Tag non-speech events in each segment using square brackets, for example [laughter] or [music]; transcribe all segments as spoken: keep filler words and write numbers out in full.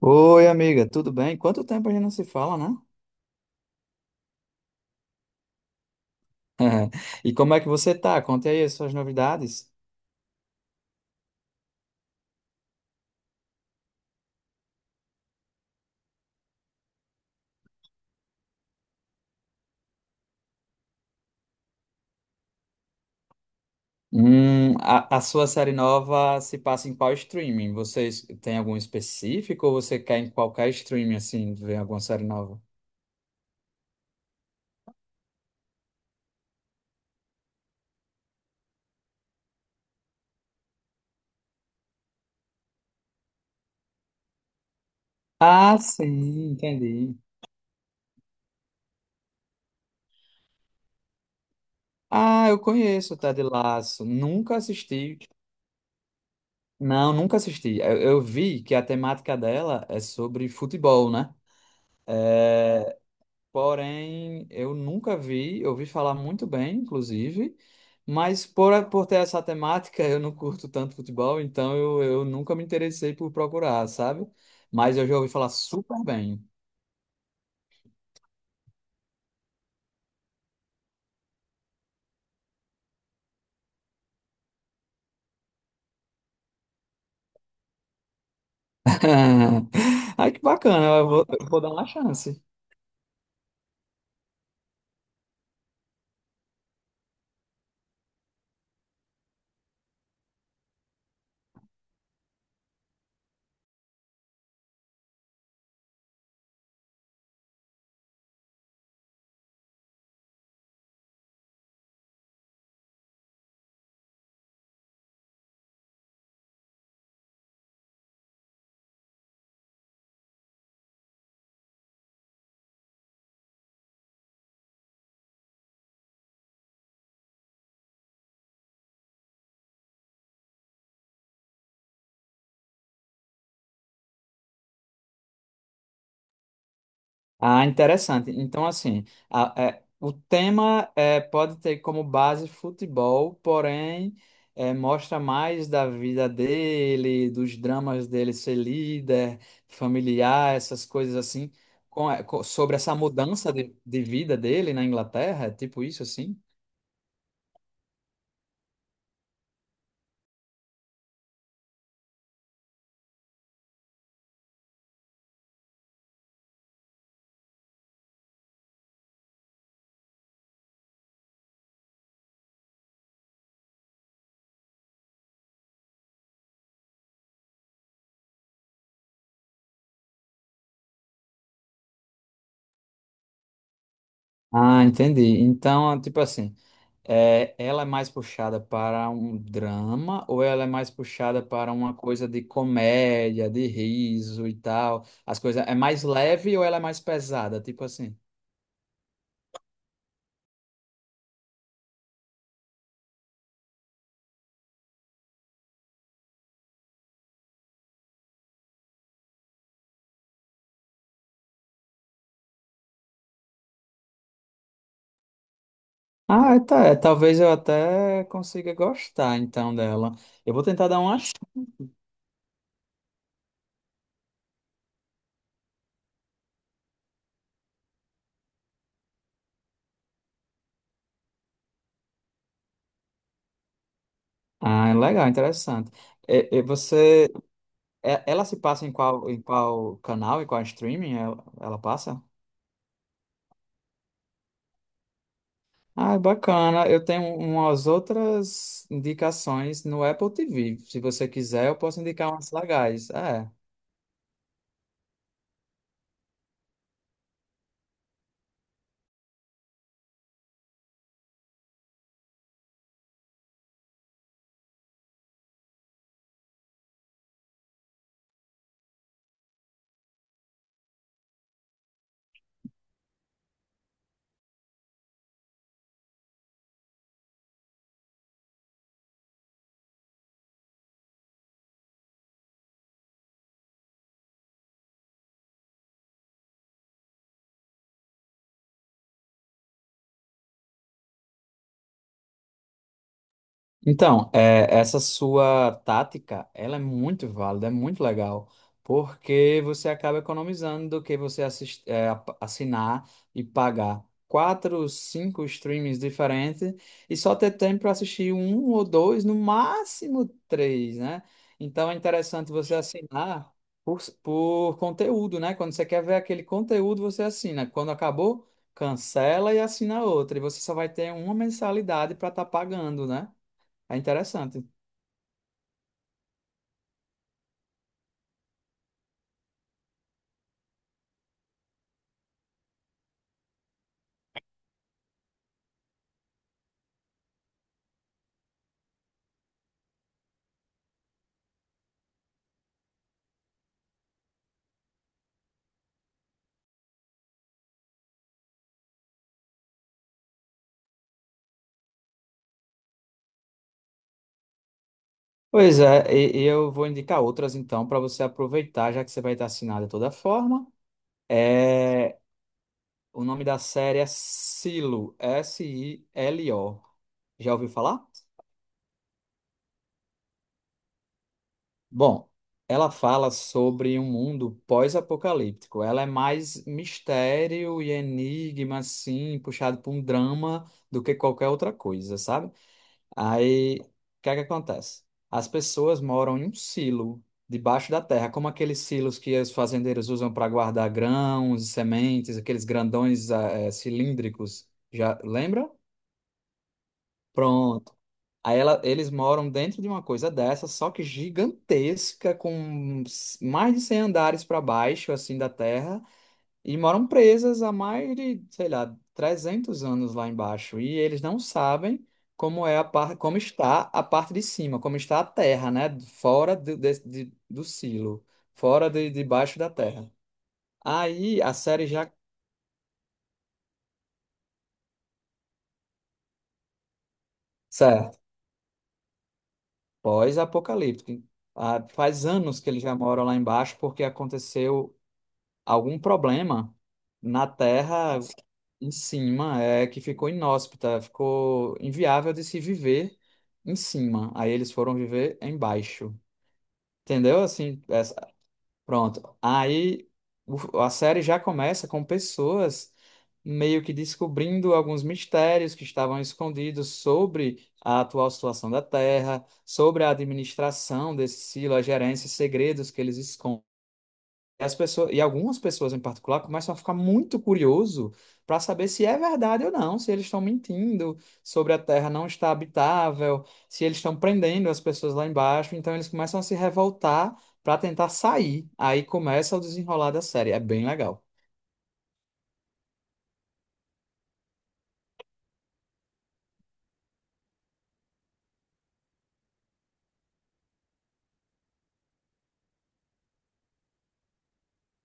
Oi, amiga, tudo bem? Quanto tempo a gente não se fala, né? [laughs] E como é que você tá? Conte aí as suas novidades. Hum, a, a sua série nova se passa em qual streaming? Vocês têm algum específico ou você quer em qualquer streaming, assim, ver alguma série nova? Ah, sim, entendi. Ah, eu conheço o Ted Lasso. Nunca assisti. Não, nunca assisti. Eu, eu vi que a temática dela é sobre futebol, né? Porém, eu nunca vi, eu ouvi falar muito bem, inclusive, mas por, por ter essa temática, eu não curto tanto futebol, então eu, eu nunca me interessei por procurar, sabe? Mas eu já ouvi falar super bem. [laughs] Ai, que bacana, eu vou, eu vou dar uma chance. Ah, interessante. Então, assim, a- é, o tema é, pode ter como base futebol, porém é, mostra mais da vida dele, dos dramas dele ser líder, familiar, essas coisas assim, com- é, co- sobre essa mudança de, de vida dele na Inglaterra, é tipo isso assim? Ah, entendi. Então, tipo assim. É, ela é mais puxada para um drama ou ela é mais puxada para uma coisa de comédia, de riso e tal? As coisas é mais leve ou ela é mais pesada, tipo assim? Ah, é, tá, é, talvez eu até consiga gostar então dela. Eu vou tentar dar uma. ch- Ah, é legal, interessante. E, e você, é- ela se passa em qual, em qual canal e qual streaming ela, ela passa? Ah, bacana. Eu tenho umas outras indicações no Apple T V. Se você quiser, eu posso indicar umas legais. É. Então, é, essa sua tática, ela é muito válida, é muito legal, porque você acaba economizando do que você assis- é, ap- assinar e pagar quatro, cinco streams diferentes e só ter tempo para assistir um ou dois, no máximo três, né? Então é interessante você assinar por, por conteúdo, né? Quando você quer ver aquele conteúdo, você assina. Quando acabou, cancela e assina outra. E você só vai ter uma mensalidade para estar pagando, né? É interessante. Pois é, e e eu vou indicar outras então para você aproveitar, já que você vai estar assinado de toda forma. É, o nome da série é Silo, S I L O. Já ouviu falar? Bom, ela fala sobre um mundo pós-apocalíptico. Ela é mais mistério e enigma, assim, puxado para um drama do que qualquer outra coisa, sabe? Aí, o que é que acontece? As pessoas moram em um silo debaixo da terra, como aqueles silos que os fazendeiros usam para guardar grãos e sementes, aqueles grandões eh, eh, cilíndricos. Já lembra? Pronto. Aí ela- eles moram dentro de uma coisa dessa, só que gigantesca, com s- mais de cem andares para baixo, assim, da terra. E moram presas há mais de, sei lá, trezentos anos lá embaixo. E eles não sabem como é a parte, como está a parte de cima, como está a terra, né? Fora do, de- de- do silo, fora de, debaixo da terra. Aí a série já. Certo. Pós-apocalíptico. Ah, faz anos que eles já moram lá embaixo porque aconteceu algum problema na terra em cima, é que ficou inóspita, ficou inviável de se viver em cima. Aí eles foram viver embaixo. Entendeu? Assim, essa- pronto. Aí o- a série já começa com pessoas meio que descobrindo alguns mistérios que estavam escondidos sobre a atual situação da Terra, sobre a administração desse silo, a gerência, segredos que eles escondem. E as pessoas, e algumas pessoas em particular começam a ficar muito curioso para saber se é verdade ou não, se eles estão mentindo sobre a Terra não estar habitável, se eles estão prendendo as pessoas lá embaixo. Então eles começam a se revoltar para tentar sair. Aí começa o desenrolar da série. É bem legal.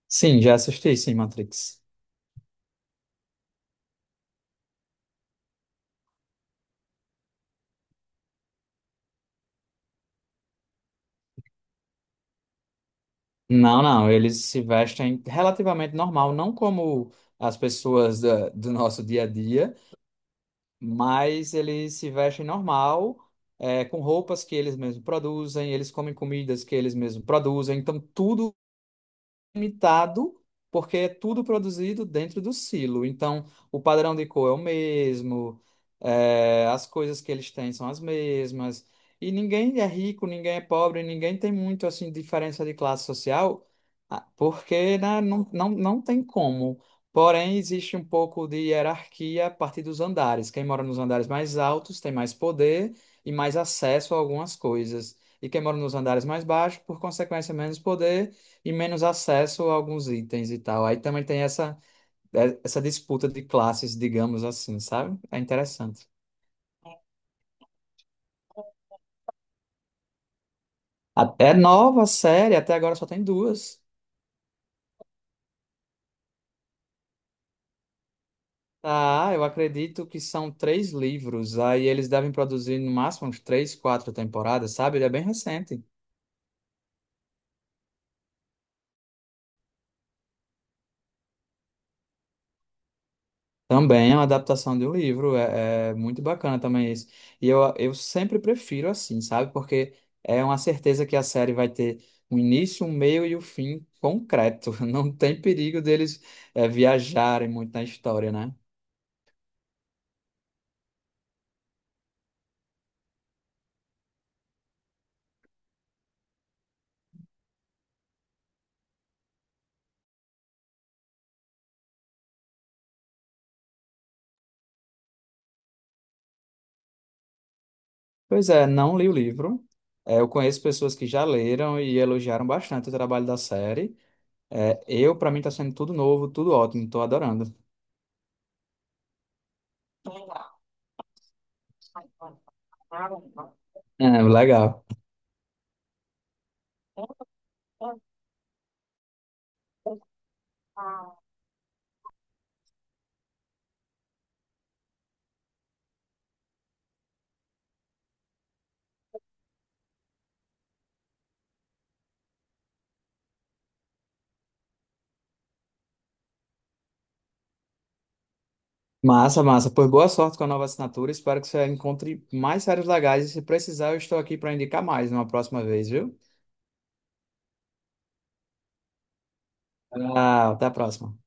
Sim, já assisti, sim, Matrix. Não, não, eles se vestem relativamente normal, não como as pessoas da- do nosso dia a dia. Mas eles se vestem normal, é, com roupas que eles mesmos produzem, eles comem comidas que eles mesmos produzem, então tudo limitado, porque é tudo produzido dentro do silo. Então, o padrão de cor é o mesmo, é, as coisas que eles têm são as mesmas. E ninguém é rico, ninguém é pobre, ninguém tem muito assim diferença de classe social, ah, porque né, não, não, não tem como. Porém, existe um pouco de hierarquia a partir dos andares. Quem mora nos andares mais altos tem mais poder e mais acesso a algumas coisas. E quem mora nos andares mais baixos, por consequência, menos poder e menos acesso a alguns itens e tal. Aí também tem essa, eh, essa disputa de classes, digamos assim, sabe? É interessante. Até nova série, até agora só tem duas. Tá, ah, eu acredito que são três livros. Aí eles devem produzir no máximo uns três, quatro temporadas, sabe? Ele é bem recente. Também é uma adaptação de um livro, é, é muito bacana também isso. E eu, eu sempre prefiro assim, sabe? Porque é uma certeza que a série vai ter um início, um meio e o fim concreto. [laughs] Não tem perigo deles é, viajarem muito na história, né? Pois é, não li o livro. É, eu conheço pessoas que já leram e elogiaram bastante o trabalho da série. É, eu, para mim, está sendo tudo novo, tudo ótimo, estou adorando. É, legal. Massa, massa. Pois boa sorte com a nova assinatura. Espero que você encontre mais séries legais. E se precisar, eu estou aqui para indicar mais numa próxima vez, viu? Ah, até a próxima.